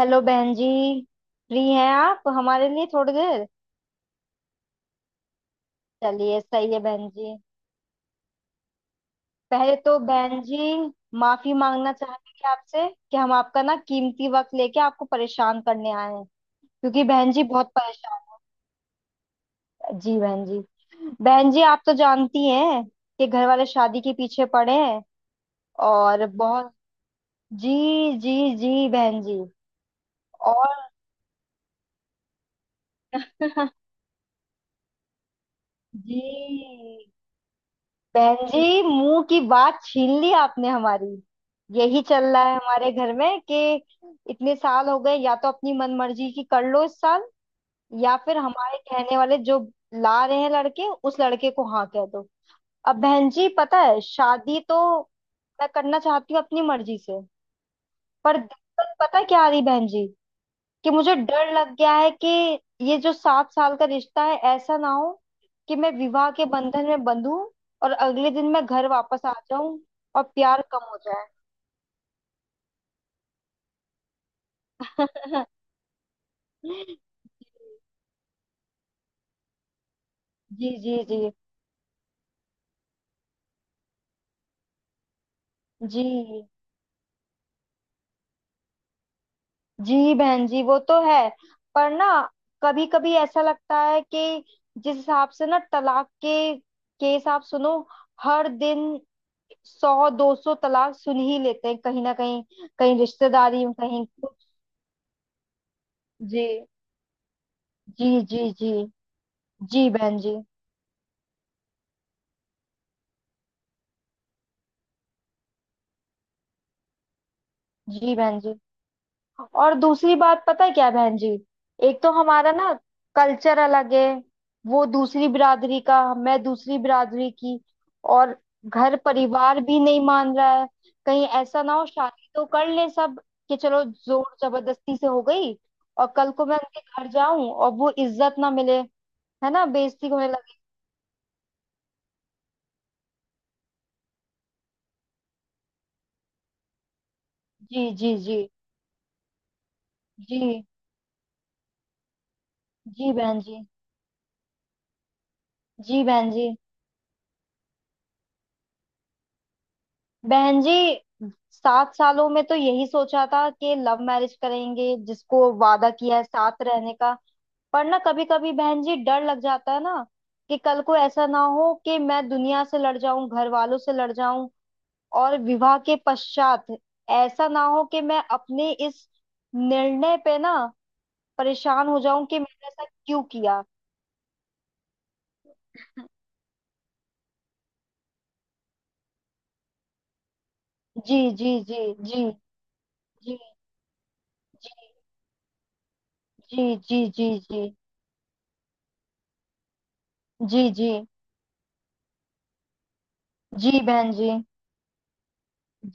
Hello बहन जी। Free हैं आप हमारे लिए थोड़ी देर? चलिए सही है बहन जी। पहले तो बहन जी माफी मांगना चाहेंगे आपसे कि हम आपका ना कीमती वक्त लेके आपको परेशान करने आए हैं। क्योंकि बहन जी बहुत परेशान। जी बहन जी। बहन जी आप तो जानती हैं कि घर वाले शादी के पीछे पड़े हैं और बहुत। जी। जी जी बहन जी। और जी बहन जी मुंह की बात छीन ली आपने हमारी। यही चल रहा है हमारे घर में कि इतने साल हो गए, या तो अपनी मनमर्जी की कर लो इस साल, या फिर हमारे कहने वाले जो ला रहे हैं लड़के, उस लड़के को हाँ कह दो। अब बहन जी पता है, शादी तो मैं करना चाहती हूँ अपनी मर्जी से। पर दिक्कत पता क्या आ रही बहन जी, कि मुझे डर लग गया है कि ये जो 7 साल का रिश्ता है, ऐसा ना हो कि मैं विवाह के बंधन में बंधूं और अगले दिन मैं घर वापस आ जाऊं और प्यार कम हो जाए। जी जी जी जी जी बहन जी वो तो है। पर ना कभी कभी ऐसा लगता है कि जिस हिसाब से ना तलाक के केस आप सुनो, हर दिन 100, 200 तलाक सुन ही लेते हैं कहीं ना कहीं, कहीं रिश्तेदारी में, कहीं कुछ। जी जी जी। जी जी बहन जी। जी बहन जी। और दूसरी बात पता है क्या बहन जी, एक तो हमारा ना कल्चर अलग है, वो दूसरी बिरादरी का, मैं दूसरी बिरादरी की। और घर परिवार भी नहीं मान रहा है। कहीं ऐसा ना हो शादी तो कर ले सब कि चलो जोर जबरदस्ती से हो गई, और कल को मैं उनके घर जाऊं और वो इज्जत ना मिले, है ना, बेइज्जती होने लगे। जी जी जी जी। जी बहन जी। जी बहन जी। बहन जी 7 सालों में तो यही सोचा था कि लव मैरिज करेंगे, जिसको वादा किया है साथ रहने का। पर ना कभी कभी बहन जी डर लग जाता है ना, कि कल को ऐसा ना हो कि मैं दुनिया से लड़ जाऊं, घर वालों से लड़ जाऊं, और विवाह के पश्चात ऐसा ना हो कि मैं अपने इस निर्णय पे ना परेशान हो जाऊं कि मैंने ऐसा क्यों किया। जी जी जी जी जी जी जी जी जी जी जी जी जी। जी बहन जी।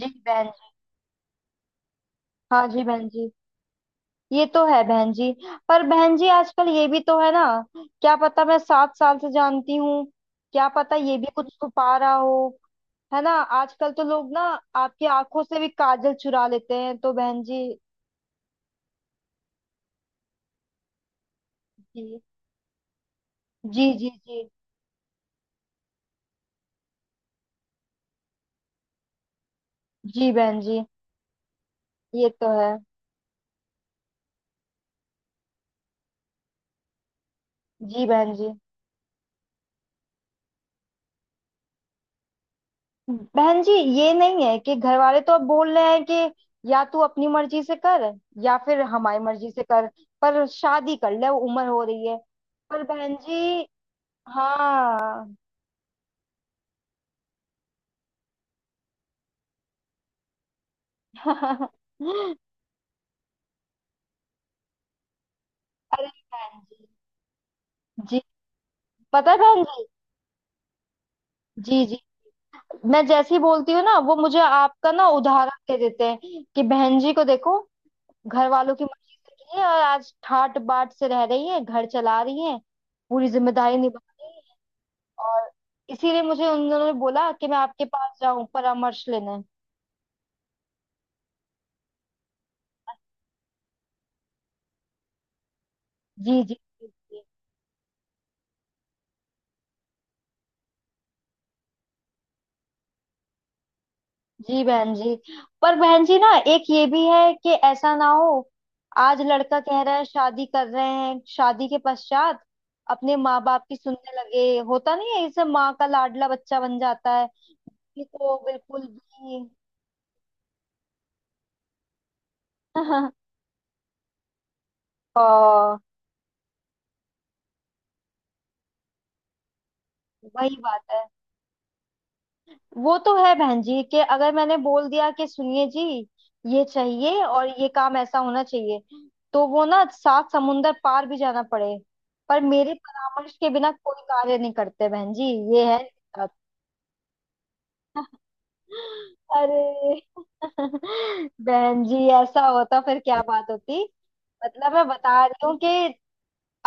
जी बहन जी। हाँ जी बहन जी ये तो है बहन जी। पर बहन जी आजकल ये भी तो है ना, क्या पता मैं 7 साल से जानती हूँ, क्या पता ये भी कुछ छुपा रहा हो, है ना। आजकल तो लोग ना आपकी आंखों से भी काजल चुरा लेते हैं, तो बहन जी। जी जी जी। जी जी बहन जी ये तो है। जी बहन जी। बहन जी ये नहीं है कि घर वाले तो अब बोल रहे हैं कि या तू अपनी मर्जी से कर या फिर हमारी मर्जी से कर, पर शादी कर ले उम्र हो रही है। पर बहन जी। हाँ। अरे बहन जी। जी। पता है बहन जी। जी जी। मैं जैसे ही बोलती हूँ ना, वो मुझे आपका ना उदाहरण दे देते हैं कि बहन जी को देखो, घर वालों की मर्जी से की है और आज ठाट बाट से रह रही है, घर चला रही है, पूरी जिम्मेदारी निभा रही है। और इसीलिए मुझे उन दोनों ने बोला कि मैं आपके पास जाऊं परामर्श लेने। जी जी जी जी। जी बहन जी। पर बहन जी ना एक ये भी है कि ऐसा ना हो, आज लड़का कह रहा है शादी कर रहे हैं, शादी के पश्चात अपने माँ बाप की सुनने लगे, होता नहीं है, इसे माँ का लाडला बच्चा बन जाता है, ये तो बिल्कुल भी। ओ वही बात है। वो तो है बहन जी, कि अगर मैंने बोल दिया कि सुनिए जी ये चाहिए और ये काम ऐसा होना चाहिए, तो वो ना सात समुंदर पार भी जाना पड़े, पर मेरे परामर्श के बिना कोई कार्य नहीं करते बहन जी। ये है इनके साथ। अरे बहन जी ऐसा होता फिर क्या बात होती। मतलब मैं बता रही हूँ कि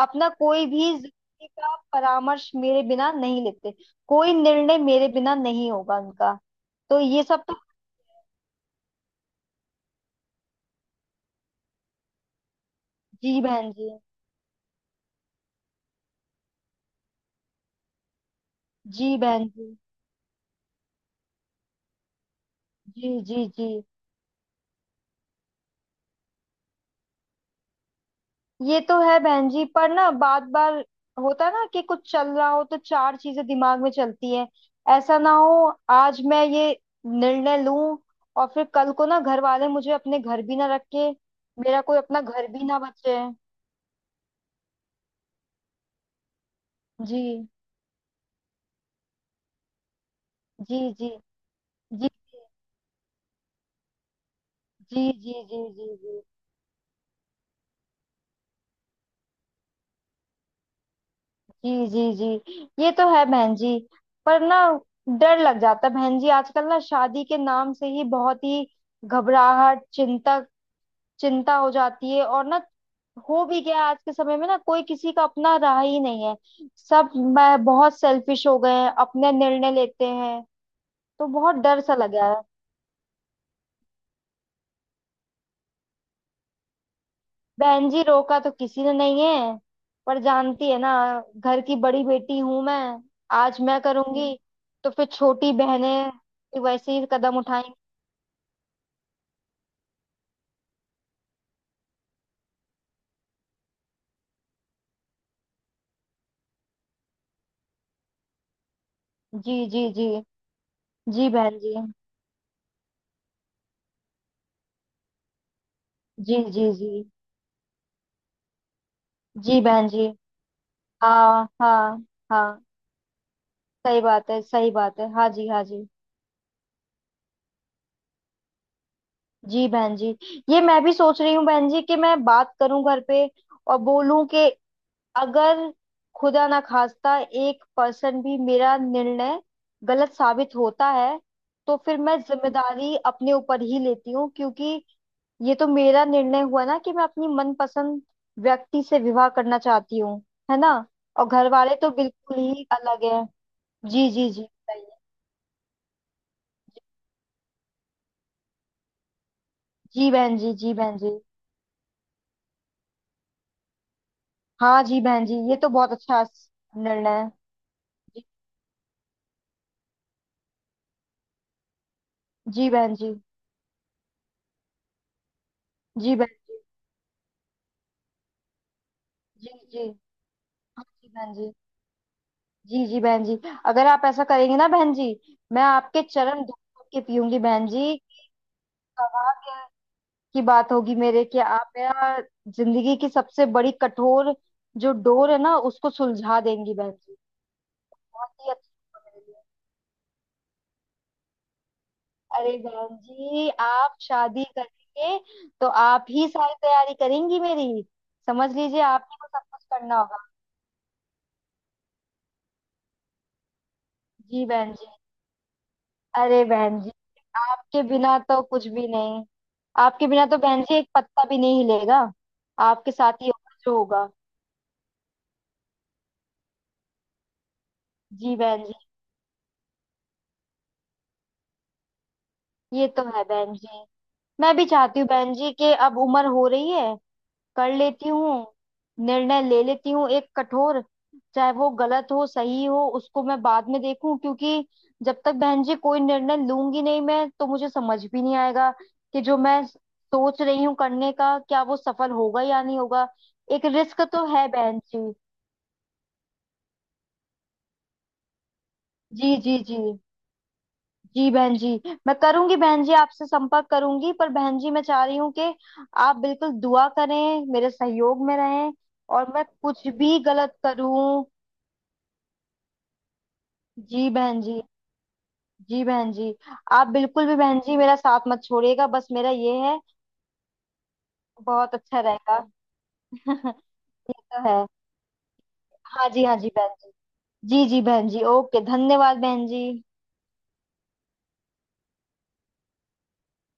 अपना कोई भी जिंदगी का परामर्श मेरे बिना नहीं लेते, कोई निर्णय मेरे बिना नहीं होगा उनका। तो ये सब तो। जी बहन जी। जी बहन जी। जी जी जी। ये तो है बहन जी, पर ना बार बार होता है ना कि कुछ चल रहा हो तो चार चीजें दिमाग में चलती हैं। ऐसा ना हो आज मैं ये निर्णय लूं और फिर कल को ना घर वाले मुझे अपने घर भी ना रखे, मेरा कोई अपना घर भी ना बचे। जी जी जी जी जी जी जी जी जी जी जी जी जी। ये तो है बहन जी। पर ना डर लग जाता है बहन जी, आजकल ना शादी के नाम से ही बहुत ही घबराहट, चिंता चिंता हो जाती है। और ना हो भी गया, आज के समय में ना कोई किसी का अपना रहा ही नहीं है, सब मैं बहुत सेल्फिश हो गए हैं, अपने निर्णय लेते हैं। तो बहुत डर सा लगा है। बहन जी रोका तो किसी ने नहीं है, पर जानती है ना, घर की बड़ी बेटी हूं मैं। आज मैं करूंगी तो फिर छोटी बहनें भी वैसे ही कदम उठाएंगी। जी जी जी जी बहन जी। जी जी जी जी बहन जी। हाँ हाँ हाँ सही बात है, सही बात है, हाँ जी हाँ जी। जी बहन जी। ये मैं भी सोच रही हूँ बहन जी कि मैं बात करूं घर पे और बोलूं कि अगर खुदा ना खास्ता एक पर्सन भी मेरा निर्णय गलत साबित होता है, तो फिर मैं जिम्मेदारी अपने ऊपर ही लेती हूँ, क्योंकि ये तो मेरा निर्णय हुआ ना कि मैं अपनी मनपसंद व्यक्ति से विवाह करना चाहती हूँ, है ना। और घर वाले तो बिल्कुल ही अलग है। जी जी जी बताइए। जी बहन जी। जी बहन जी। हाँ जी बहन जी ये तो बहुत अच्छा निर्णय है। जी जी बहन जी। जी बहन जी। जी जी। हाँ जी बहन जी। जी जी बहन जी। अगर आप ऐसा करेंगे ना बहन जी, मैं आपके चरण धो धो के पीऊंगी बहन जी। कहाँ क्या की बात होगी मेरे कि आप मेरा जिंदगी की सबसे बड़ी कठोर जो डोर है ना उसको सुलझा देंगी बहन जी। बहुत ही अच्छा होगा मेरे लिए। अरे बहन जी आप शादी करेंगे तो आप ही सारी तैयारी करेंगी मेरी, समझ लीजिए आप ही को सब कुछ करना होगा। जी बहन जी। अरे बहन जी आपके बिना तो कुछ भी नहीं। आपके बिना तो बहन जी एक पत्ता भी नहीं हिलेगा। आपके साथ ही होगा जो होगा। जी बहन जी। ये तो है बहन जी। मैं भी चाहती हूँ बहन जी कि अब उम्र हो रही है, कर लेती हूँ, निर्णय ले लेती हूँ एक कठोर, चाहे वो गलत हो सही हो उसको मैं बाद में देखूं, क्योंकि जब तक बहन जी कोई निर्णय लूंगी नहीं मैं तो मुझे समझ भी नहीं आएगा कि जो मैं सोच रही हूँ करने का क्या वो सफल होगा या नहीं होगा। एक रिस्क तो है बहन जी। जी जी जी। जी बहन जी। मैं करूंगी बहन जी आपसे संपर्क करूंगी, पर बहन जी मैं चाह रही हूँ कि आप बिल्कुल दुआ करें, मेरे सहयोग में रहें, और मैं कुछ भी गलत करूं। जी बहन जी। जी बहन जी। आप बिल्कुल भी बहन जी मेरा साथ मत छोड़िएगा, बस मेरा ये है। बहुत अच्छा रहेगा। ये तो है। हाँ जी हाँ जी बहन जी। जी जी बहन जी, ओके धन्यवाद बहन जी।